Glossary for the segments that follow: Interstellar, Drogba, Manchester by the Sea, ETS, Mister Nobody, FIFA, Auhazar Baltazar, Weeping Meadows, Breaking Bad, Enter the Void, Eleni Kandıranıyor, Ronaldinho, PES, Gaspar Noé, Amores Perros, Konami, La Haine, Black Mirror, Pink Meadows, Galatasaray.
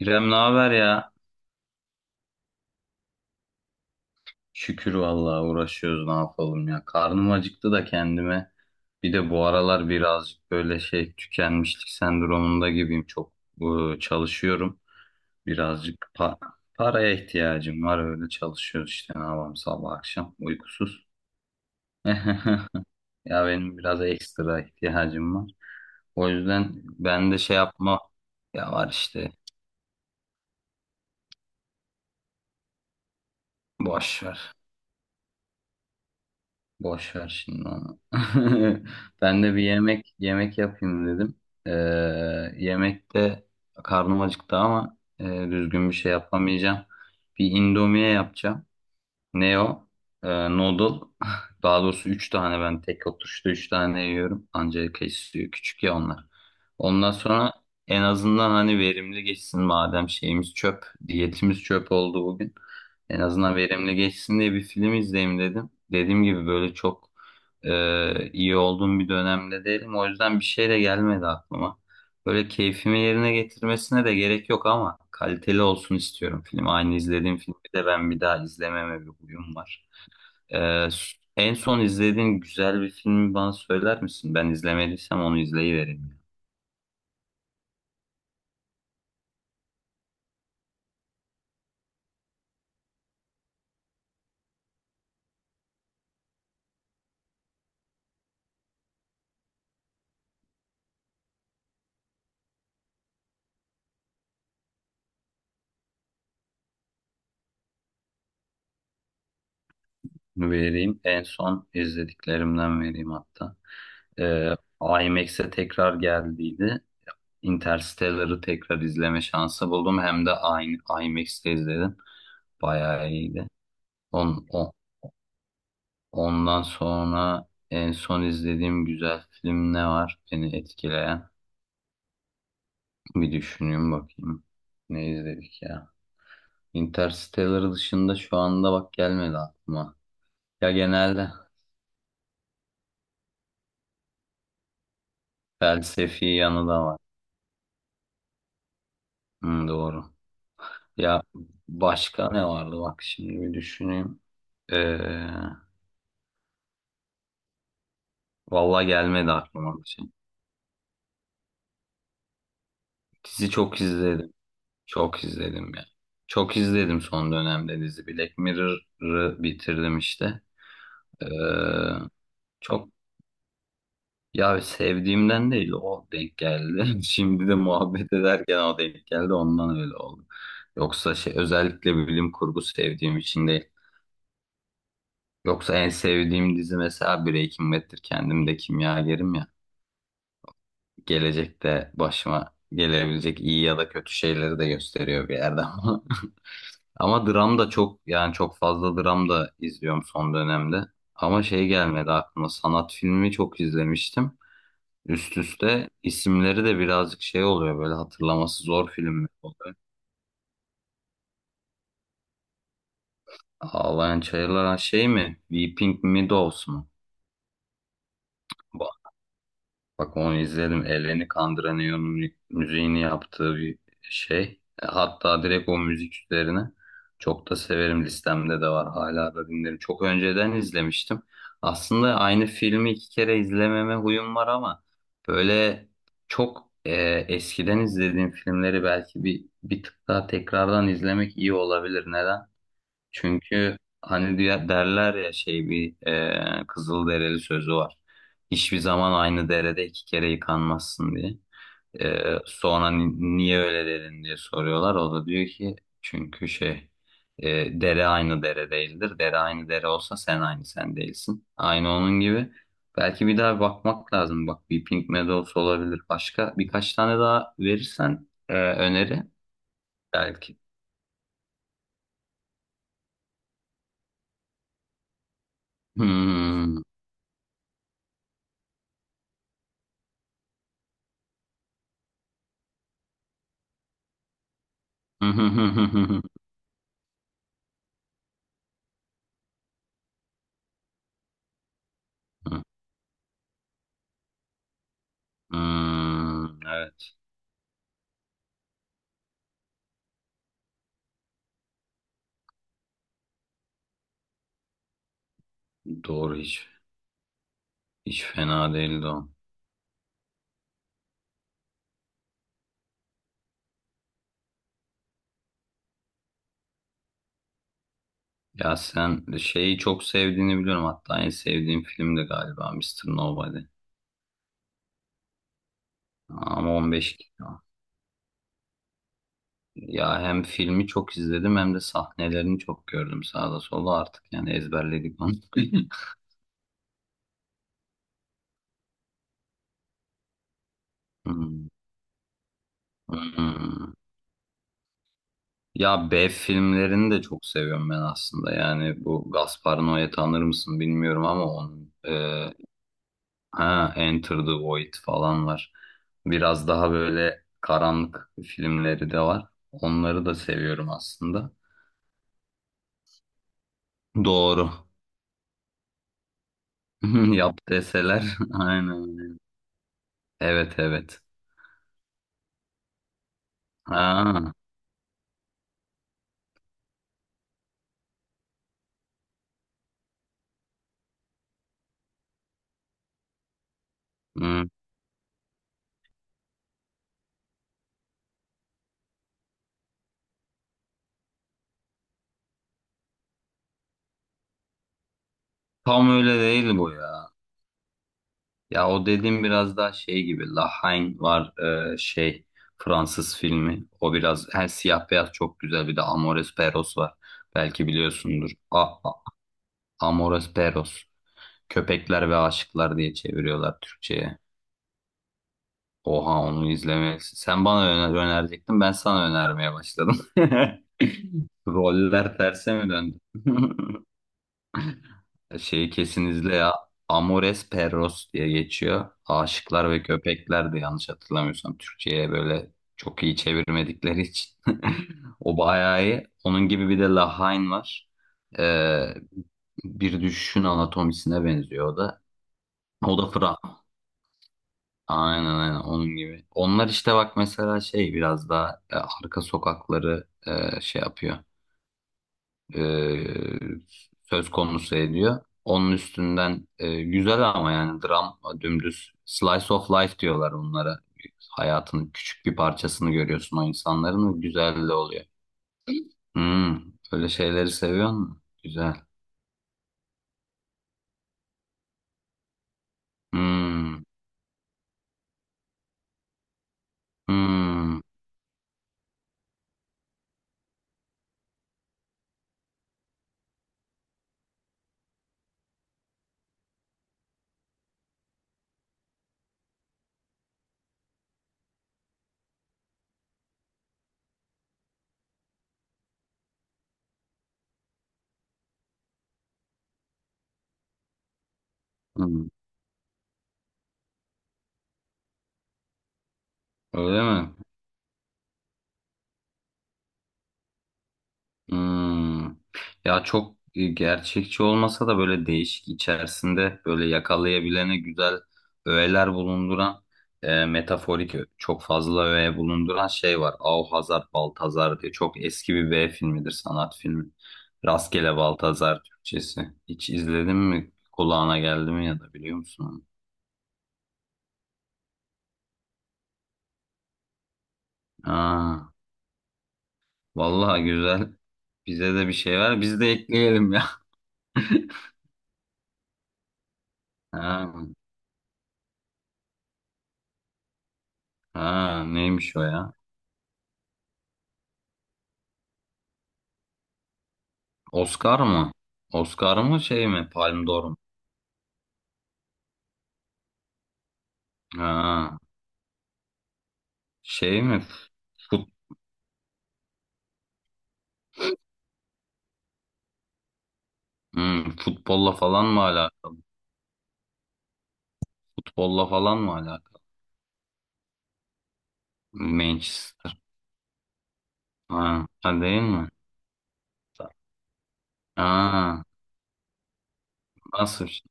İrem, ne haber ya? Şükür vallahi uğraşıyoruz, ne yapalım ya. Karnım acıktı da kendime. Bir de bu aralar birazcık böyle şey tükenmişlik sendromunda gibiyim. Çok çalışıyorum. Birazcık paraya ihtiyacım var, öyle çalışıyoruz işte, ne yapalım, sabah akşam uykusuz. Ya benim biraz ekstra ihtiyacım var. O yüzden ben de şey yapma, ya var işte, boş ver. Boş ver şimdi onu. Ben de bir yemek yapayım dedim. Ee, yemekte karnım acıktı ama düzgün bir şey yapamayacağım. Bir indomie yapacağım. Neo, o? Noodle. Daha doğrusu 3 tane, ben tek oturuşta 3 tane yiyorum. Ancak kesiyor. Küçük ya onlar. Ondan sonra en azından hani verimli geçsin, madem şeyimiz çöp. Diyetimiz çöp oldu bugün. En azından verimli geçsin diye bir film izleyeyim dedim. Dediğim gibi böyle çok iyi olduğum bir dönemde değilim. O yüzden bir şey de gelmedi aklıma. Böyle keyfimi yerine getirmesine de gerek yok ama kaliteli olsun istiyorum film. Aynı izlediğim filmi de ben bir daha izlememe bir huyum var. En son izlediğin güzel bir filmi bana söyler misin? Ben izlemediysem onu izleyivereyim. Onu vereyim. En son izlediklerimden vereyim hatta. Ee, IMAX'e tekrar geldiydi. Interstellar'ı tekrar izleme şansı buldum. Hem de aynı IMAX'te izledim. Bayağı iyiydi. On, Ondan sonra en son izlediğim güzel film ne var beni etkileyen? Bir düşüneyim bakayım. Ne izledik ya? Interstellar dışında şu anda bak gelmedi aklıma. Ya genelde felsefi yanı da var. Hı, doğru. Ya başka ne vardı bak, şimdi bir düşüneyim. Ee, vallahi gelmedi aklıma bir şey. Dizi çok izledim. Çok izledim ya. Çok izledim son dönemde dizi. Black Mirror'ı bitirdim işte. Ee, çok ya, sevdiğimden değil, o denk geldi. Şimdi de muhabbet ederken o denk geldi, ondan öyle oldu. Yoksa şey, özellikle bilim kurgu sevdiğim için değil. Yoksa en sevdiğim dizi mesela Breaking Bad'tir. Kendim de kimyagerim ya. Gelecekte başıma gelebilecek iyi ya da kötü şeyleri de gösteriyor bir yerde ama. Ama dram da çok, yani çok fazla dram da izliyorum son dönemde. Ama şey gelmedi aklıma, sanat filmi çok izlemiştim. Üst üste isimleri de birazcık şey oluyor, böyle hatırlaması zor filmler oluyor. Ağlayan Çayırlar, ha, şey mi? Weeping Meadows mu? Bak, onu izledim. Eleni Kandıranıyor'un müziğini yaptığı bir şey. Hatta direkt o müzik üzerine çok da severim. Listemde de var. Hala da dinlerim. Çok önceden izlemiştim. Aslında aynı filmi iki kere izlememe huyum var ama böyle çok eskiden izlediğim filmleri belki bir tık daha tekrardan izlemek iyi olabilir. Neden? Çünkü hani derler ya, şey bir Kızılderili sözü var. Hiçbir zaman aynı derede iki kere yıkanmazsın diye. Sonra niye öyle dedin diye soruyorlar. O da diyor ki çünkü şey dere aynı dere değildir. Dere aynı dere olsa sen aynı sen değilsin. Aynı onun gibi. Belki bir daha bakmak lazım. Bak, bir Pink Meadows olabilir. Başka birkaç tane daha verirsen öneri belki. Hmm. Hmm, evet. Doğru, hiç. Hiç fena değildi o. Ya, sen şeyi çok sevdiğini biliyorum. Hatta en sevdiğin film de galiba Mister Nobody. Ama 15 kilo. Ya hem filmi çok izledim hem de sahnelerini çok gördüm sağda solda, artık yani ezberledik onu. Hmm, hmm. Ya B filmlerini de çok seviyorum ben aslında. Yani bu Gaspar Noé, tanır mısın bilmiyorum, ama onun ha, Enter the Void falan var. Biraz daha böyle karanlık filmleri de var. Onları da seviyorum aslında. Doğru. Yap deseler. Aynen. Evet, evet. Ha, hı. Tam öyle değil bu ya. Ya o dediğim biraz daha şey gibi. La Haine var, şey, Fransız filmi. O biraz her siyah beyaz, çok güzel. Bir de Amores Perros var. Belki biliyorsundur. A- Amores Perros. Köpekler ve Aşıklar diye çeviriyorlar Türkçe'ye. Oha, onu izlemelisin. Sen bana öner önerecektin, ben sana önermeye başladım. Roller terse mi döndü? Şeyi kesin izle ya. Amores Perros diye geçiyor. Aşıklar ve Köpekler de, yanlış hatırlamıyorsam, Türkçe'ye böyle çok iyi çevirmedikleri için. O bayağı iyi. Onun gibi bir de Lahain var. Ee, bir düşüşün anatomisine benziyor o da. O da aynen, aynen onun gibi. Onlar işte bak mesela şey, biraz daha arka sokakları şey yapıyor. E, söz konusu ediyor. Onun üstünden güzel, ama yani dram, dümdüz slice of life diyorlar onlara. Hayatın küçük bir parçasını görüyorsun o insanların, ve güzel de oluyor. Hmm, öyle şeyleri seviyor musun? Güzel. Hmm, hmm, hmm. Öyle mi? Hmm. Ya çok gerçekçi olmasa da böyle değişik, içerisinde böyle yakalayabilene güzel öğeler bulunduran, metaforik çok fazla öğe bulunduran şey var. Auhazar Baltazar diye çok eski bir B filmidir, sanat filmi. Rastgele Baltazar Türkçesi. Hiç izledin mi? Kulağına geldi mi, ya da biliyor musun onu? Aa, vallahi güzel. Bize de bir şey ver. Biz de ekleyelim ya. Ha, ha, neymiş o ya? Oscar mı? Oscar mı, şey mi? Palme d'Or mu? Ha, şey mi? Fut, futbolla falan mı alakalı? Futbolla falan mı alakalı? Manchester. Ha, ha, değil mi? Ha, nasıl bir şey?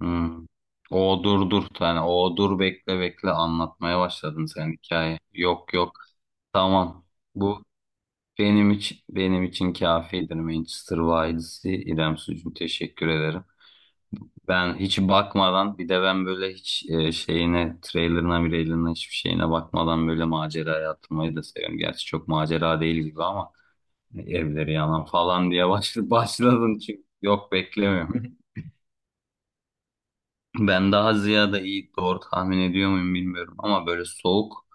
Hmm. O dur, dur. Yani o, dur bekle, bekle, anlatmaya başladın sen hikaye. Yok, yok. Tamam. Bu benim için, benim için kafidir, Manchester Wiles'i. İrem Sucuğum, teşekkür ederim. Ben hiç bakmadan, bir de ben böyle hiç şeyine, trailerına mirailerine, hiçbir şeyine bakmadan böyle maceraya atılmayı da seviyorum. Gerçi çok macera değil gibi ama "E, evleri yanan falan" diye başladım, başladın çünkü, yok, beklemiyorum. Ben daha ziyade, iyi doğru tahmin ediyor muyum bilmiyorum ama, böyle soğuk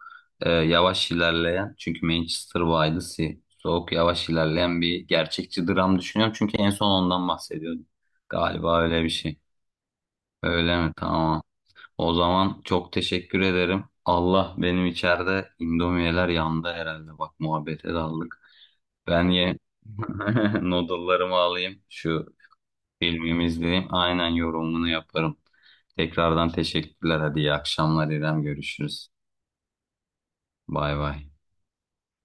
yavaş ilerleyen, çünkü Manchester by the Sea soğuk, yavaş ilerleyen bir gerçekçi dram düşünüyorum çünkü en son ondan bahsediyordum. Galiba öyle bir şey. Öyle mi? Tamam. O zaman çok teşekkür ederim. Allah, benim içeride indomiyeler yandı herhalde. Bak, muhabbete daldık. Ben noodle'larımı alayım. Şu filmimi izleyeyim. Aynen, yorumunu yaparım. Tekrardan teşekkürler. Hadi, iyi akşamlar İrem. Görüşürüz. Bay bay.